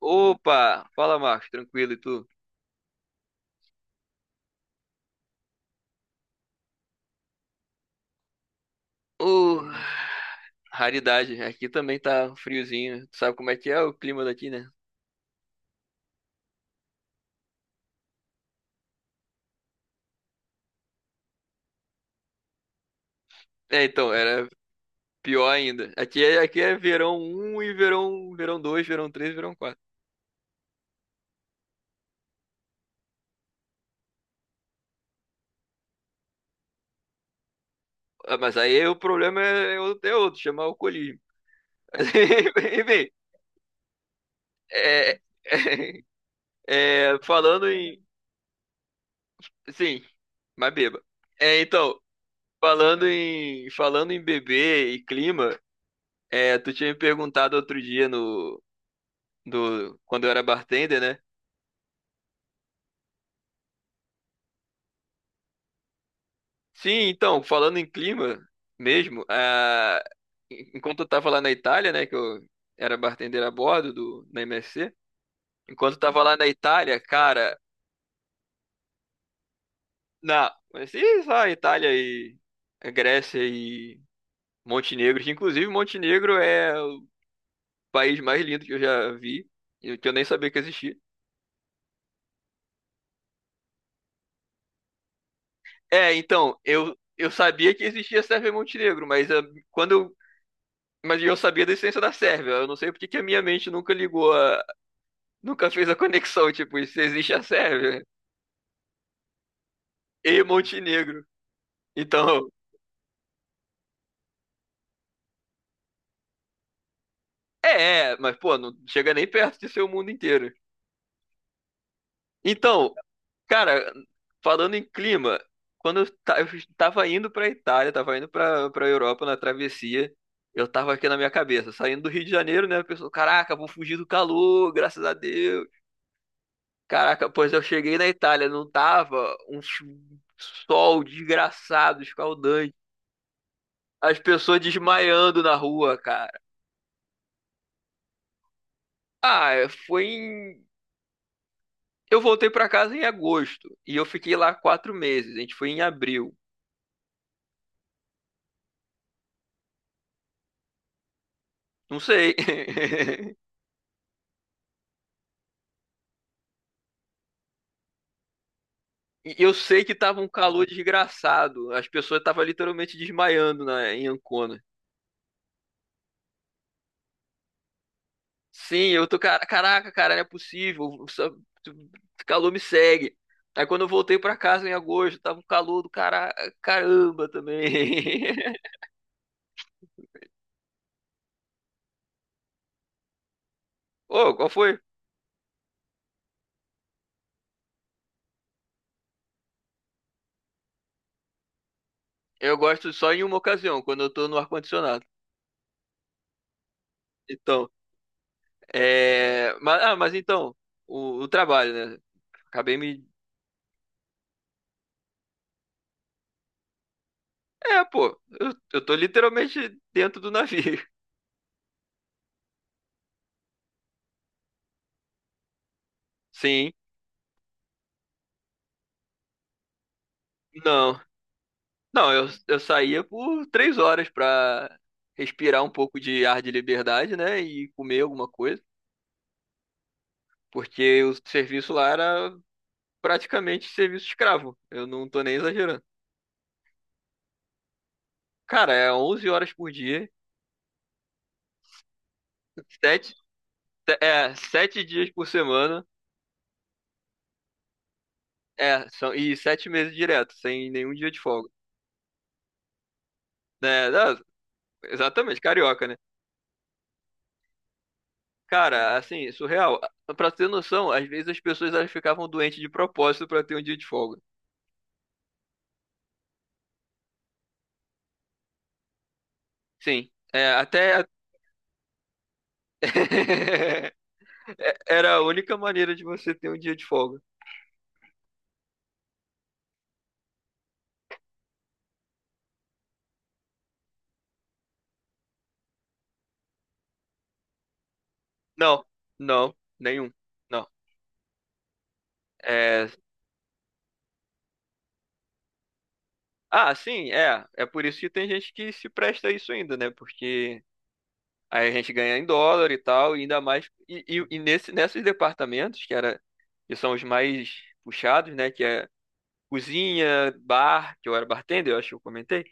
Opa! Fala, Marcos, tranquilo, e tu? Ô, raridade, aqui também tá friozinho. Tu sabe como é que é o clima daqui, né? É, então, era pior ainda. Aqui é verão um e verão 2, verão três, verão quatro. Ah, mas aí o problema é outro, chamar alcoolismo. Enfim, é, é, falando em... Sim, mas beba. É, então, falando em bebê e clima, tu tinha me perguntado outro dia no, do quando eu era bartender, né? Sim, então, falando em clima mesmo, enquanto eu tava lá na Itália, né, que eu era bartender a bordo do na MSC, enquanto eu tava lá na Itália, cara, mas se só a Itália e a Grécia e Montenegro, que inclusive Montenegro é o país mais lindo que eu já vi, e que eu nem sabia que existia. É, então, eu sabia que existia Sérvia e Montenegro. Quando eu Mas eu sabia da existência da Sérvia. Eu não sei porque que a minha mente nunca ligou a... Nunca fez a conexão, tipo, se existe a Sérvia e Montenegro. Então, mas pô, não chega nem perto de ser o mundo inteiro. Então, cara, falando em clima, eu tava indo pra Itália, tava indo pra Europa na travessia. Eu tava aqui na minha cabeça, saindo do Rio de Janeiro, né? A pessoa, caraca, vou fugir do calor, graças a Deus. Caraca, pois eu cheguei na Itália, não tava um sol desgraçado, escaldante. As pessoas desmaiando na rua, cara. Ah, é, foi em... Eu voltei pra casa em agosto e eu fiquei lá 4 meses. A gente foi em abril. Não sei. E eu sei que tava um calor desgraçado. As pessoas estavam literalmente desmaiando em Ancona. Sim, eu tô, cara, caraca, cara, não é possível. Tu- Calor me segue. Aí quando eu voltei pra casa em agosto, tava um calor do caramba também. Ô, qual foi? Eu gosto só em uma ocasião, quando eu tô no ar-condicionado. Então, é. Mas então, o trabalho, né? Acabei me. É, pô, eu tô literalmente dentro do navio. Sim, não. Não, eu saía por 3 horas pra respirar um pouco de ar de liberdade, né? E comer alguma coisa. Porque o serviço lá era praticamente serviço escravo. Eu não tô nem exagerando. Cara, é 11 horas por dia, sete, sete dias por semana, e 7 meses direto, sem nenhum dia de folga. Né? Ah, exatamente, carioca, né? Cara, assim, surreal. Pra ter noção, às vezes as pessoas elas ficavam doentes de propósito pra ter um dia de folga. Sim. É, até, era a única maneira de você ter um dia de folga. Não, não, nenhum. Não. É... Ah, sim, é. É por isso que tem gente que se presta a isso ainda, né? Porque aí a gente ganha em dólar e tal, e ainda mais. E nesses departamentos, que são os mais puxados, né? Que é cozinha, bar, que eu era bartender, eu acho que eu comentei.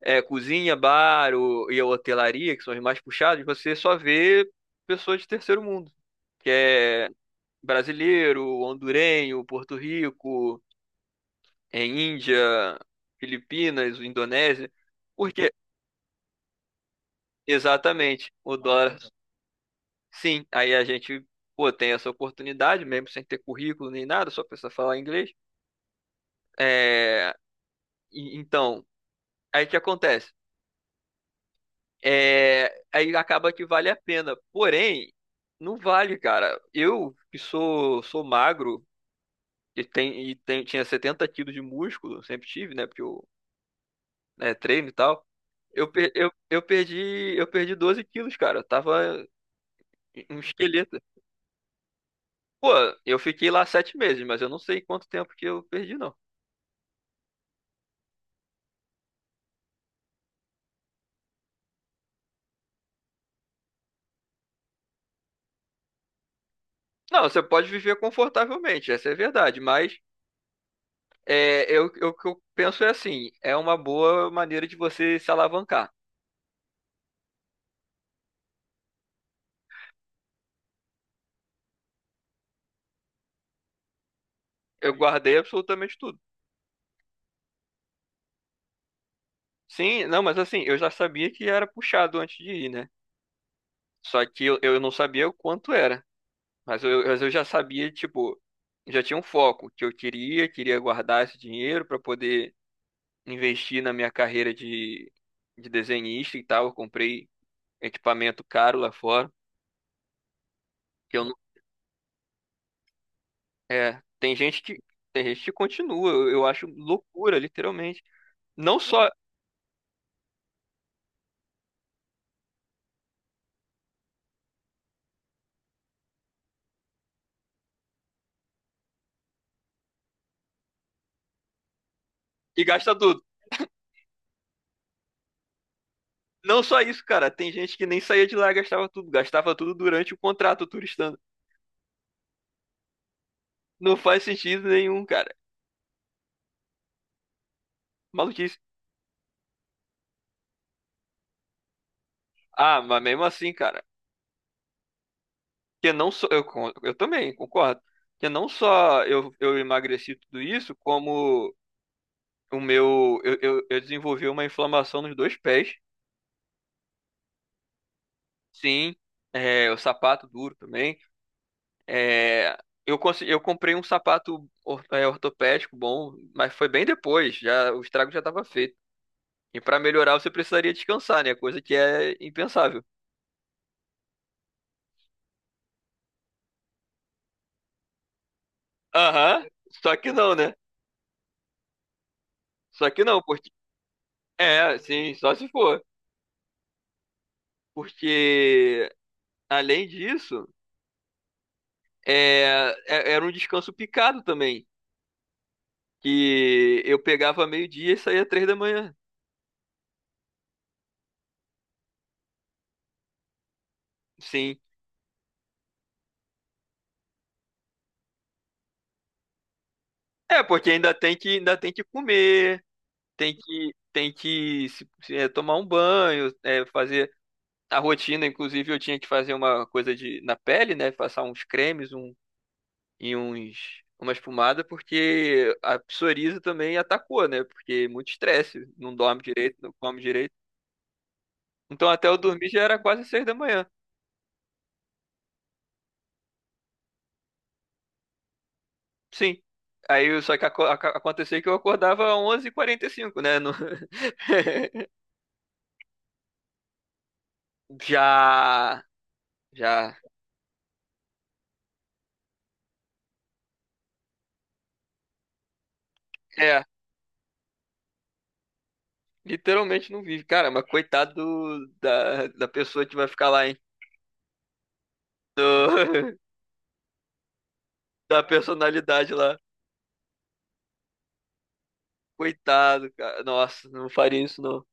É, cozinha, bar e a hotelaria, que são os mais puxados, você só vê pessoas de terceiro mundo. Que é brasileiro, hondurenho, Porto Rico, Índia, Filipinas, Indonésia. Porque, exatamente, o dólar, sim, aí a gente, pô, tem essa oportunidade, mesmo sem ter currículo nem nada, só precisa falar inglês. É, então, aí o que acontece? É, aí acaba que vale a pena. Porém, não vale, cara. Eu que sou, magro e tinha 70 quilos de músculo, sempre tive, né? Porque eu, né, treino e tal. Eu perdi 12 quilos, cara. Eu tava um esqueleto. Pô, eu fiquei lá 7 meses, mas eu não sei quanto tempo que eu perdi, não. Não, você pode viver confortavelmente, essa é a verdade, mas o que eu penso é assim, é uma boa maneira de você se alavancar. Eu guardei absolutamente tudo. Sim, não, mas assim, eu já sabia que era puxado antes de ir, né? Só que eu não sabia o quanto era. Mas eu já sabia, tipo, já tinha um foco que eu queria guardar esse dinheiro para poder investir na minha carreira de desenhista e tal. Eu comprei equipamento caro lá fora, que eu não, é, tem gente que continua. Eu acho loucura, literalmente. Não só e gasta tudo. Não só isso, cara, tem gente que nem saía de lá e gastava tudo durante o contrato turistando. Não faz sentido nenhum, cara. Maluquice. Ah, mas mesmo assim, cara, que não só eu, eu também concordo que não só eu emagreci tudo isso, como o meu eu desenvolvi uma inflamação nos dois pés. Sim. É, o sapato duro também. É, eu eu comprei um sapato ortopédico bom, mas foi bem depois, já o estrago já estava feito, e para melhorar você precisaria descansar, né? Coisa que é impensável. Aham. Só que não né só que não, porque é sim, só se for. Porque, além disso, era um descanso picado também, que eu pegava meio-dia e saía 3 da manhã. Sim. É, porque ainda tem que comer, tem que tomar um banho, fazer a rotina. Inclusive eu tinha que fazer uma coisa de na pele, né? Passar uns cremes, um e uns uma espumada, porque a psoríase também atacou, né? Porque muito estresse, não dorme direito, não come direito. Então até eu dormir já era quase 6 da manhã. Sim. Aí só que aconteceu que eu acordava 11:45, né? Já. Já. É, literalmente não vive. Cara, mas coitado da pessoa que vai ficar lá, hein? Do- Da personalidade lá. Coitado, cara. Nossa, não faria isso, não.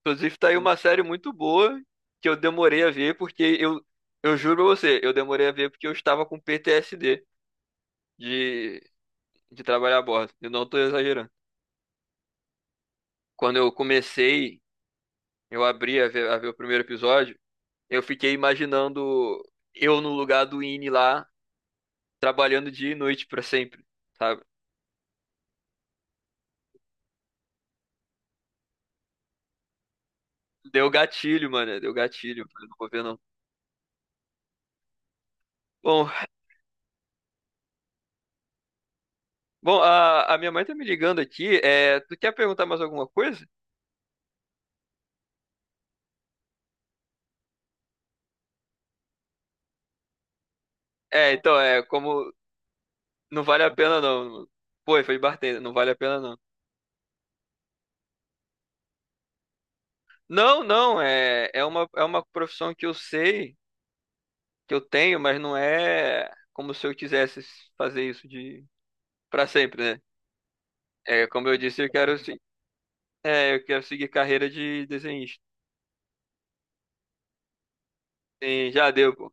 Inclusive, tá aí uma série muito boa que eu demorei a ver, porque eu juro pra você, eu demorei a ver porque eu estava com PTSD de, de trabalhar a bordo. Eu não tô exagerando. Quando eu comecei Eu abri a ver o primeiro episódio, eu fiquei imaginando eu no lugar do Ini lá, trabalhando dia e noite pra sempre, sabe? Deu gatilho, mano, deu gatilho. Falei, não vou ver, não. Bom, bom, a minha mãe tá me ligando aqui, tu quer perguntar mais alguma coisa? É, então, como não vale a pena, não. Pô, foi bartender, não vale a pena, não. Não, não, é uma profissão que eu sei, que eu tenho, mas não é como se eu quisesse fazer isso de para sempre, né? É, como eu disse, eu quero, se- é, eu quero seguir carreira de desenhista. Sim, já deu, pô.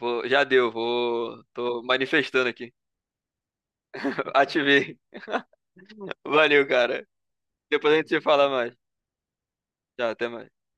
Vou, já deu, vou. Tô manifestando aqui. Ativei. Valeu, cara. Depois a gente se fala mais. Tchau, até mais.